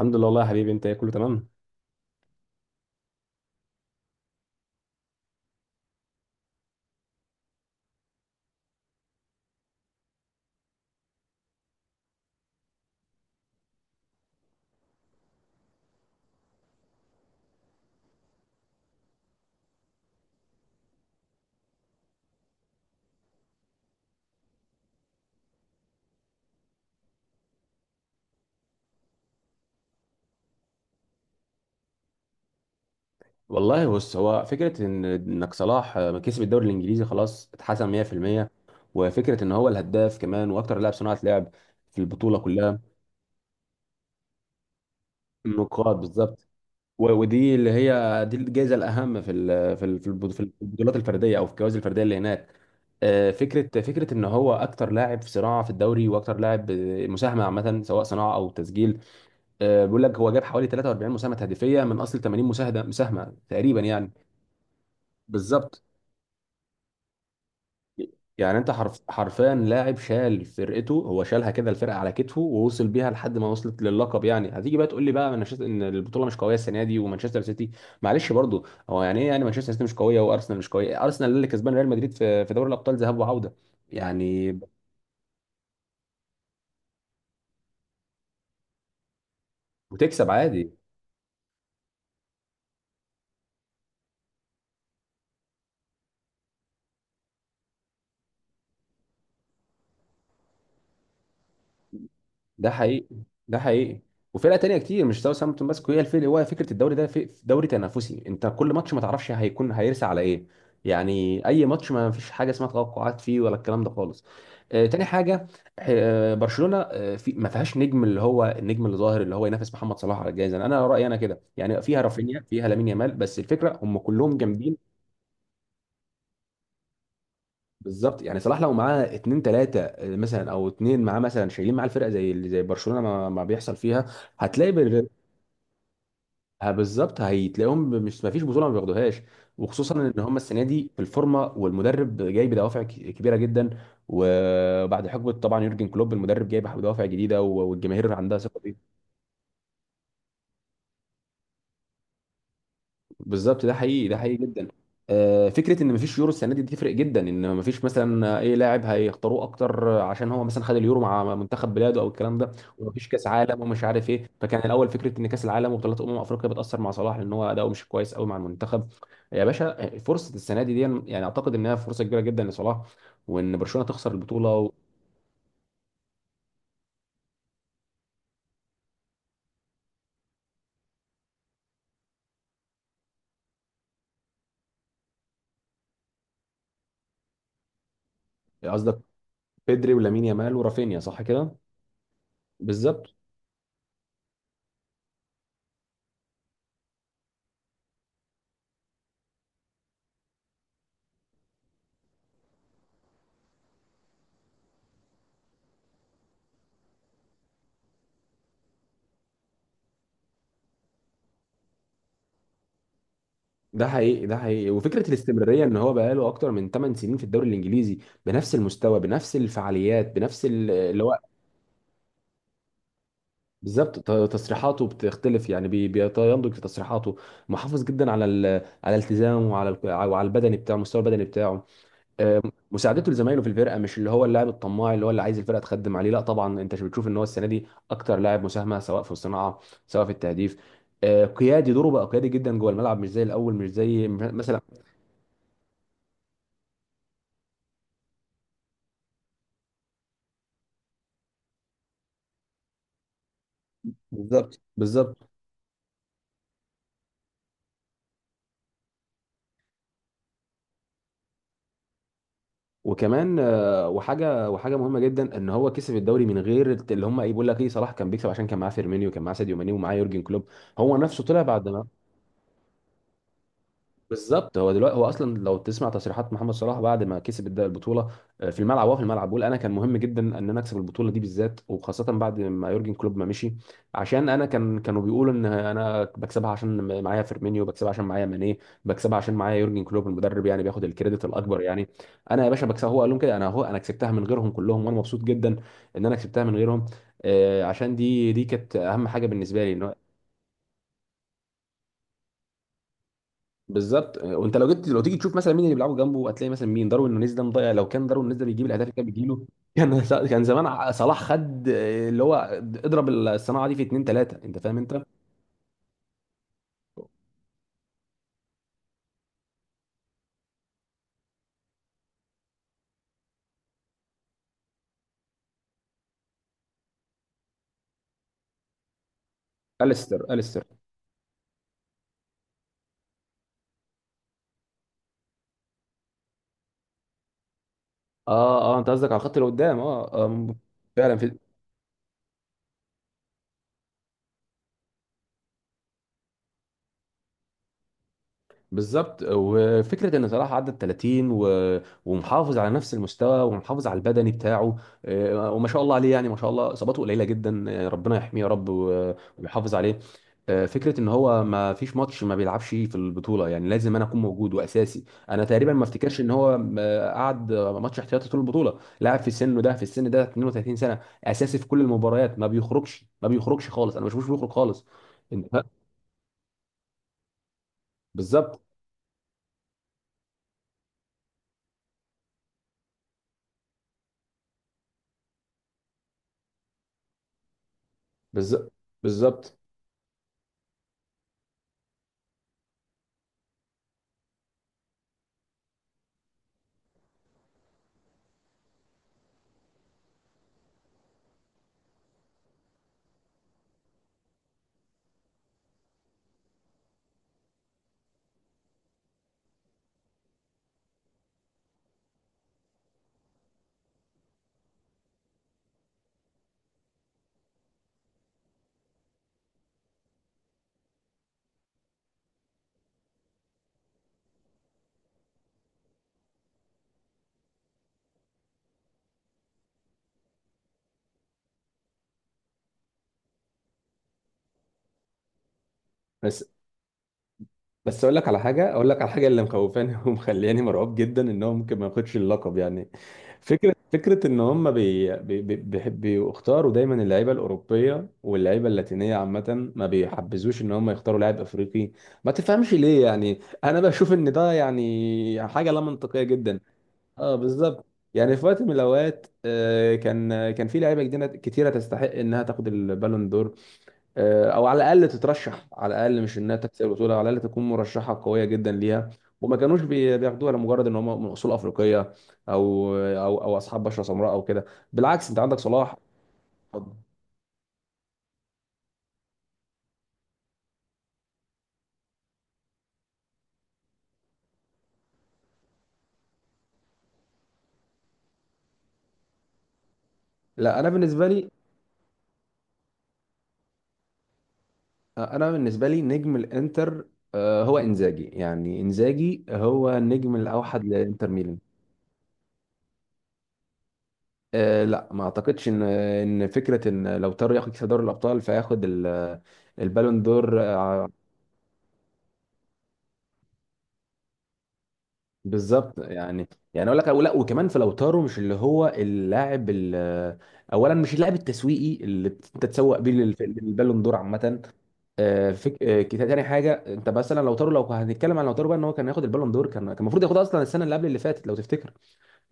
الحمد لله، والله يا حبيبي. انت ايه، كله تمام؟ والله بص، هو فكره ان انك صلاح كسب الدوري الانجليزي خلاص، اتحسم 100%. وفكره ان هو الهداف كمان، واكتر لاعب صناعه لعب في البطوله كلها. النقاط بالظبط. ودي اللي هي دي الجائزه الاهم في البطولات الفرديه، او في الجوائز الفرديه اللي هناك. فكره ان هو اكتر لاعب في صناعه في الدوري، واكتر لاعب مساهمه عامه، سواء صناعه او تسجيل. بيقول لك هو جاب حوالي 43 مساهمه هدفيه من اصل 80 مساهمه تقريبا يعني. بالظبط، يعني انت حرفيا لاعب شال فرقته، هو شالها كده، الفرقه على كتفه، ووصل بيها لحد ما وصلت للقب. يعني هتيجي بقى تقول لي بقى مانشستر، ان البطوله مش قويه السنه دي، ومانشستر سيتي. معلش برضو، هو يعني ايه يعني، مانشستر سيتي مش قويه، وارسنال مش قويه؟ ارسنال اللي كسبان ريال مدريد في دوري الابطال ذهاب وعوده يعني. وتكسب عادي. ده حقيقي، ده حقيقي، وفرقه تانية كتير مش ساوثهامبتون بس هي الفرق. هو فكره الدوري ده في دوري تنافسي، انت كل ماتش ما تعرفش هيكون هيرسى على ايه. يعني اي ماتش ما فيش حاجه اسمها توقعات فيه ولا الكلام ده خالص. تاني حاجه، برشلونه في ما فيهاش نجم، اللي هو النجم اللي ظاهر، اللي هو ينافس محمد صلاح على الجائزه. انا رايي انا كده يعني، فيها رافينيا، فيها لامين يامال، بس الفكره هم كلهم جامدين. بالظبط، يعني صلاح لو معاه اتنين تلاته مثلا، او اتنين معاه مثلا شايلين معاه الفرقه زي برشلونه ما بيحصل فيها. هتلاقي، ها بالظبط، هيتلاقيهم، مش ما فيش بطوله ما بياخدوهاش. وخصوصا ان هم السنه دي في الفورمه، والمدرب جاي بدوافع كبيره جدا. وبعد حقبه طبعا يورجن كلوب، المدرب جاي بدوافع جديده، والجماهير عندها ثقه. بالظبط، ده حقيقي، ده حقيقي جدا. فكره ان مفيش يورو السنه دي تفرق جدا، ان مفيش مثلا اي لاعب هيختاروه اكتر عشان هو مثلا خد اليورو مع منتخب بلاده او الكلام ده. ومفيش كاس عالم ومش عارف ايه، فكان الاول فكره ان كاس العالم وبطولات افريقيا بتاثر مع صلاح لان هو اداؤه مش كويس قوي مع المنتخب. يا باشا، فرصه السنه دي. يعني اعتقد انها فرصه كبيره جدا لصلاح، وان برشلونه تخسر البطوله قصدك بيدري ولامين يامال ورافينيا، صح كده. بالظبط، ده حقيقي، ده حقيقي، وفكره الاستمراريه، ان هو بقاله اكتر من 8 سنين في الدوري الانجليزي، بنفس المستوى بنفس الفعاليات بنفس اللي هو. بالظبط، تصريحاته بتختلف يعني، بينضج في تصريحاته. محافظ جدا على على التزامه، وعلى وعلى البدني بتاعه، المستوى البدني بتاعه. آه، مساعدته لزمايله في الفرقه، مش اللي هو اللاعب الطماع اللي هو اللي عايز الفرقه تخدم عليه. لا طبعا، انت بتشوف ان هو السنه دي اكتر لاعب مساهمه، سواء في الصناعه سواء في التهديف. قيادي، دوره بقى قيادي جدا جوه الملعب، مش زي الاول، مش زي مثلا. بالظبط، بالظبط. وكمان وحاجه مهمه جدا، ان هو كسب الدوري من غير اللي هم ايه. بيقول لك ايه، صلاح كان بيكسب عشان كان معاه فيرمينيو، كان معاه ساديو ماني، ومعاه يورجن كلوب. هو نفسه طلع بعد ما بالظبط. هو دلوقتي، هو اصلا لو تسمع تصريحات محمد صلاح بعد ما كسب البطوله، في الملعب بيقول: انا كان مهم جدا ان انا اكسب البطوله دي بالذات، وخاصه بعد ما يورجن كلوب ما مشي، عشان انا كانوا بيقولوا ان انا بكسبها عشان معايا فيرمينيو، بكسبها عشان معايا ماني، بكسبها عشان معايا يورجن كلوب المدرب، يعني بياخد الكريدت الاكبر يعني. انا يا باشا بكسبها، هو قال لهم كده: انا، هو انا كسبتها من غيرهم كلهم، وانا مبسوط جدا ان انا كسبتها من غيرهم. عشان دي كانت اهم حاجه بالنسبه لي ان بالظبط. وانت لو تيجي تشوف مثلا مين اللي بيلعبوا جنبه، هتلاقي مثلا مين. داروين نونيز ده مضيع، لو كان داروين نونيز ده بيجيب الاهداف اللي كان بيجيله، كان كان زمان صلاح خد اللي هو اضرب الصناعه دي في اتنين تلاته، انت فاهم انت؟ اليستر، اليستر. اه، اه، انت قصدك على الخط اللي قدام. اه, آه، فعلا في. بالظبط، وفكره ان صلاح عدى ال 30 ومحافظ على نفس المستوى، ومحافظ على البدني بتاعه. وما شاء الله عليه، يعني ما شاء الله اصاباته قليله جدا. ربنا يحميه يا رب، ويحافظ عليه. فكره ان هو ما فيش ماتش ما بيلعبش في البطوله، يعني لازم انا اكون موجود واساسي. انا تقريبا ما افتكرش ان هو قعد ماتش احتياطي طول البطوله. لاعب في سنه ده، في السن ده 32 سنه، اساسي في كل المباريات، ما بيخرجش، ما بيخرجش خالص، انا ما بشوفوش بيخرج خالص. انت بالظبط، بالظبط، بالظبط. بس بس اقول لك على حاجه، اقول لك على حاجه. اللي مخوفاني ومخلياني مرعوب جدا، ان هو ممكن ما ياخدش اللقب يعني. فكره ان هم بيختاروا دايما اللعيبه الاوروبيه، واللعيبه اللاتينيه عامه، ما بيحبذوش ان هم يختاروا لاعب افريقي. ما تفهمش ليه، يعني انا بشوف ان ده يعني حاجه لا منطقيه جدا. اه، بالظبط، يعني في وقت من الاوقات كان في لعيبه كتيره تستحق انها تاخد البالون دور، او على الاقل تترشح، على الاقل مش انها تكسب البطوله، على الاقل تكون مرشحه قويه جدا ليها. وما كانوش بياخدوها لمجرد ان هم من اصول افريقيه، او اصحاب بشره سمراء او كده. بالعكس، انت عندك صلاح. لا، انا بالنسبه لي، نجم الانتر هو انزاجي، يعني انزاجي هو النجم الاوحد لانتر ميلان. لا، ما اعتقدش ان فكره ان لو تارو ياخد كاس دوري الابطال فياخد البالون دور بالظبط. يعني اقول لك. لا، وكمان في لوتارو، مش اللي هو اللاعب اولا، مش اللاعب التسويقي اللي انت تسوق بيه للبالون دور عامه. تاني حاجه. انت مثلا لوتارو، لو هنتكلم عن لوتارو بقى، ان هو كان ياخد البالون دور، كان المفروض ياخدها اصلا السنه اللي قبل اللي فاتت لو تفتكر.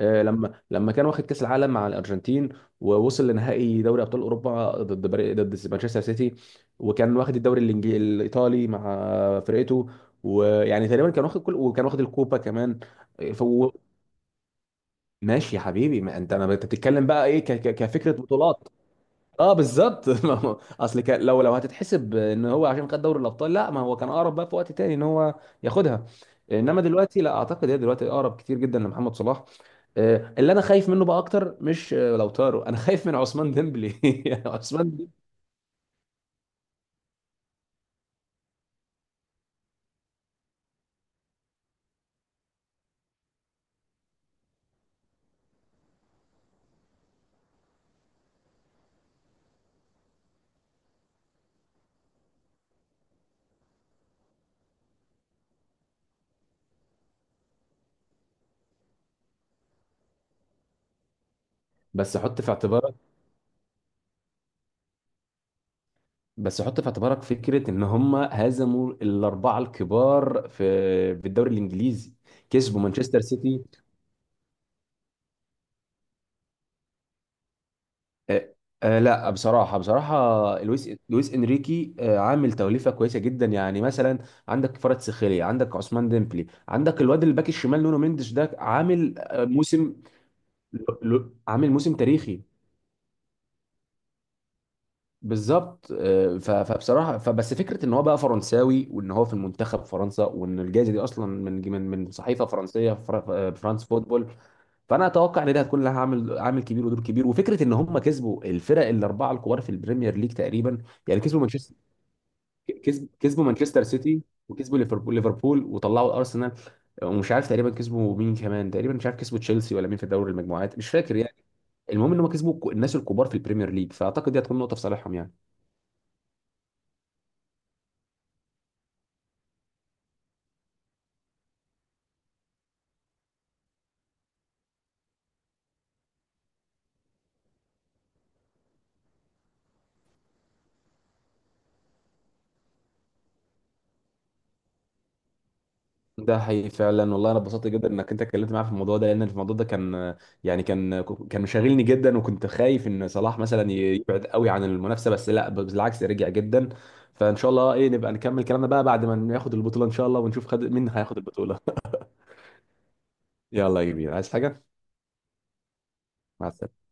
لما كان واخد كاس العالم مع الارجنتين، ووصل لنهائي دوري ابطال اوروبا ضد مانشستر سيتي. وكان واخد الدوري الايطالي مع فرقته. ويعني تقريبا كان واخد كل وكان واخد الكوبا كمان. آه، ف- و- ماشي يا حبيبي. ما انت انا انت بتتكلم بقى ايه كفكره بطولات. اه بالظبط ما هو- اصل كان، لو هتتحسب ان هو عشان خد دوري الابطال، لا ما هو كان اقرب بقى في وقت تاني ان هو ياخدها. انما دلوقتي لا اعتقد، هي دلوقتي اقرب كتير جدا لمحمد صلاح. اللي انا خايف منه بقى اكتر مش لوتارو انا خايف من عثمان ديمبلي عثمان ديمبلي. بس حط في اعتبارك، بس حط في اعتبارك فكره ان هم هزموا الاربعه الكبار في الدوري الانجليزي، كسبوا مانشستر سيتي. آه، لا، بصراحة، بصراحة لويس انريكي عامل توليفة كويسة جدا. يعني مثلا عندك فرد سخيليا، عندك عثمان ديمبلي، عندك الواد الباك الشمال نونو مينديش ده عامل موسم، ل- عامل موسم تاريخي. بالظبط، فبصراحة، فبس فكرة ان هو بقى فرنساوي، وان هو في المنتخب فرنسا، وان الجائزة دي اصلا من صحيفة فرنسية، فرانس فوتبول. فانا اتوقع ان دي هتكون لها عامل كبير ودور كبير، وفكره ان هم كسبوا الفرق الاربعه الكبار في البريمير ليج تقريبا. يعني كسبوا مانشستر سيتي، وكسبوا ليفربول وطلعوا الارسنال. ومش عارف تقريبا كسبوا مين كمان، تقريبا مش عارف كسبوا تشيلسي ولا مين في دوري المجموعات، مش فاكر يعني. المهم ان هم كسبوا الناس الكبار في البريمير ليج، فاعتقد دي هتكون نقطه في صالحهم يعني. ده حقيقي فعلا، والله انا اتبسطت جدا انك انت اتكلمت معايا في الموضوع ده، لان الموضوع ده كان يعني كان مشاغلني جدا، وكنت خايف ان صلاح مثلا يبعد قوي عن المنافسه، بس لا بالعكس رجع جدا. فان شاء الله ايه، نبقى نكمل كلامنا بقى بعد ما ناخد البطوله ان شاء الله، ونشوف مين هياخد البطوله. يلا يا كبير، عايز حاجه؟ مع السلامه.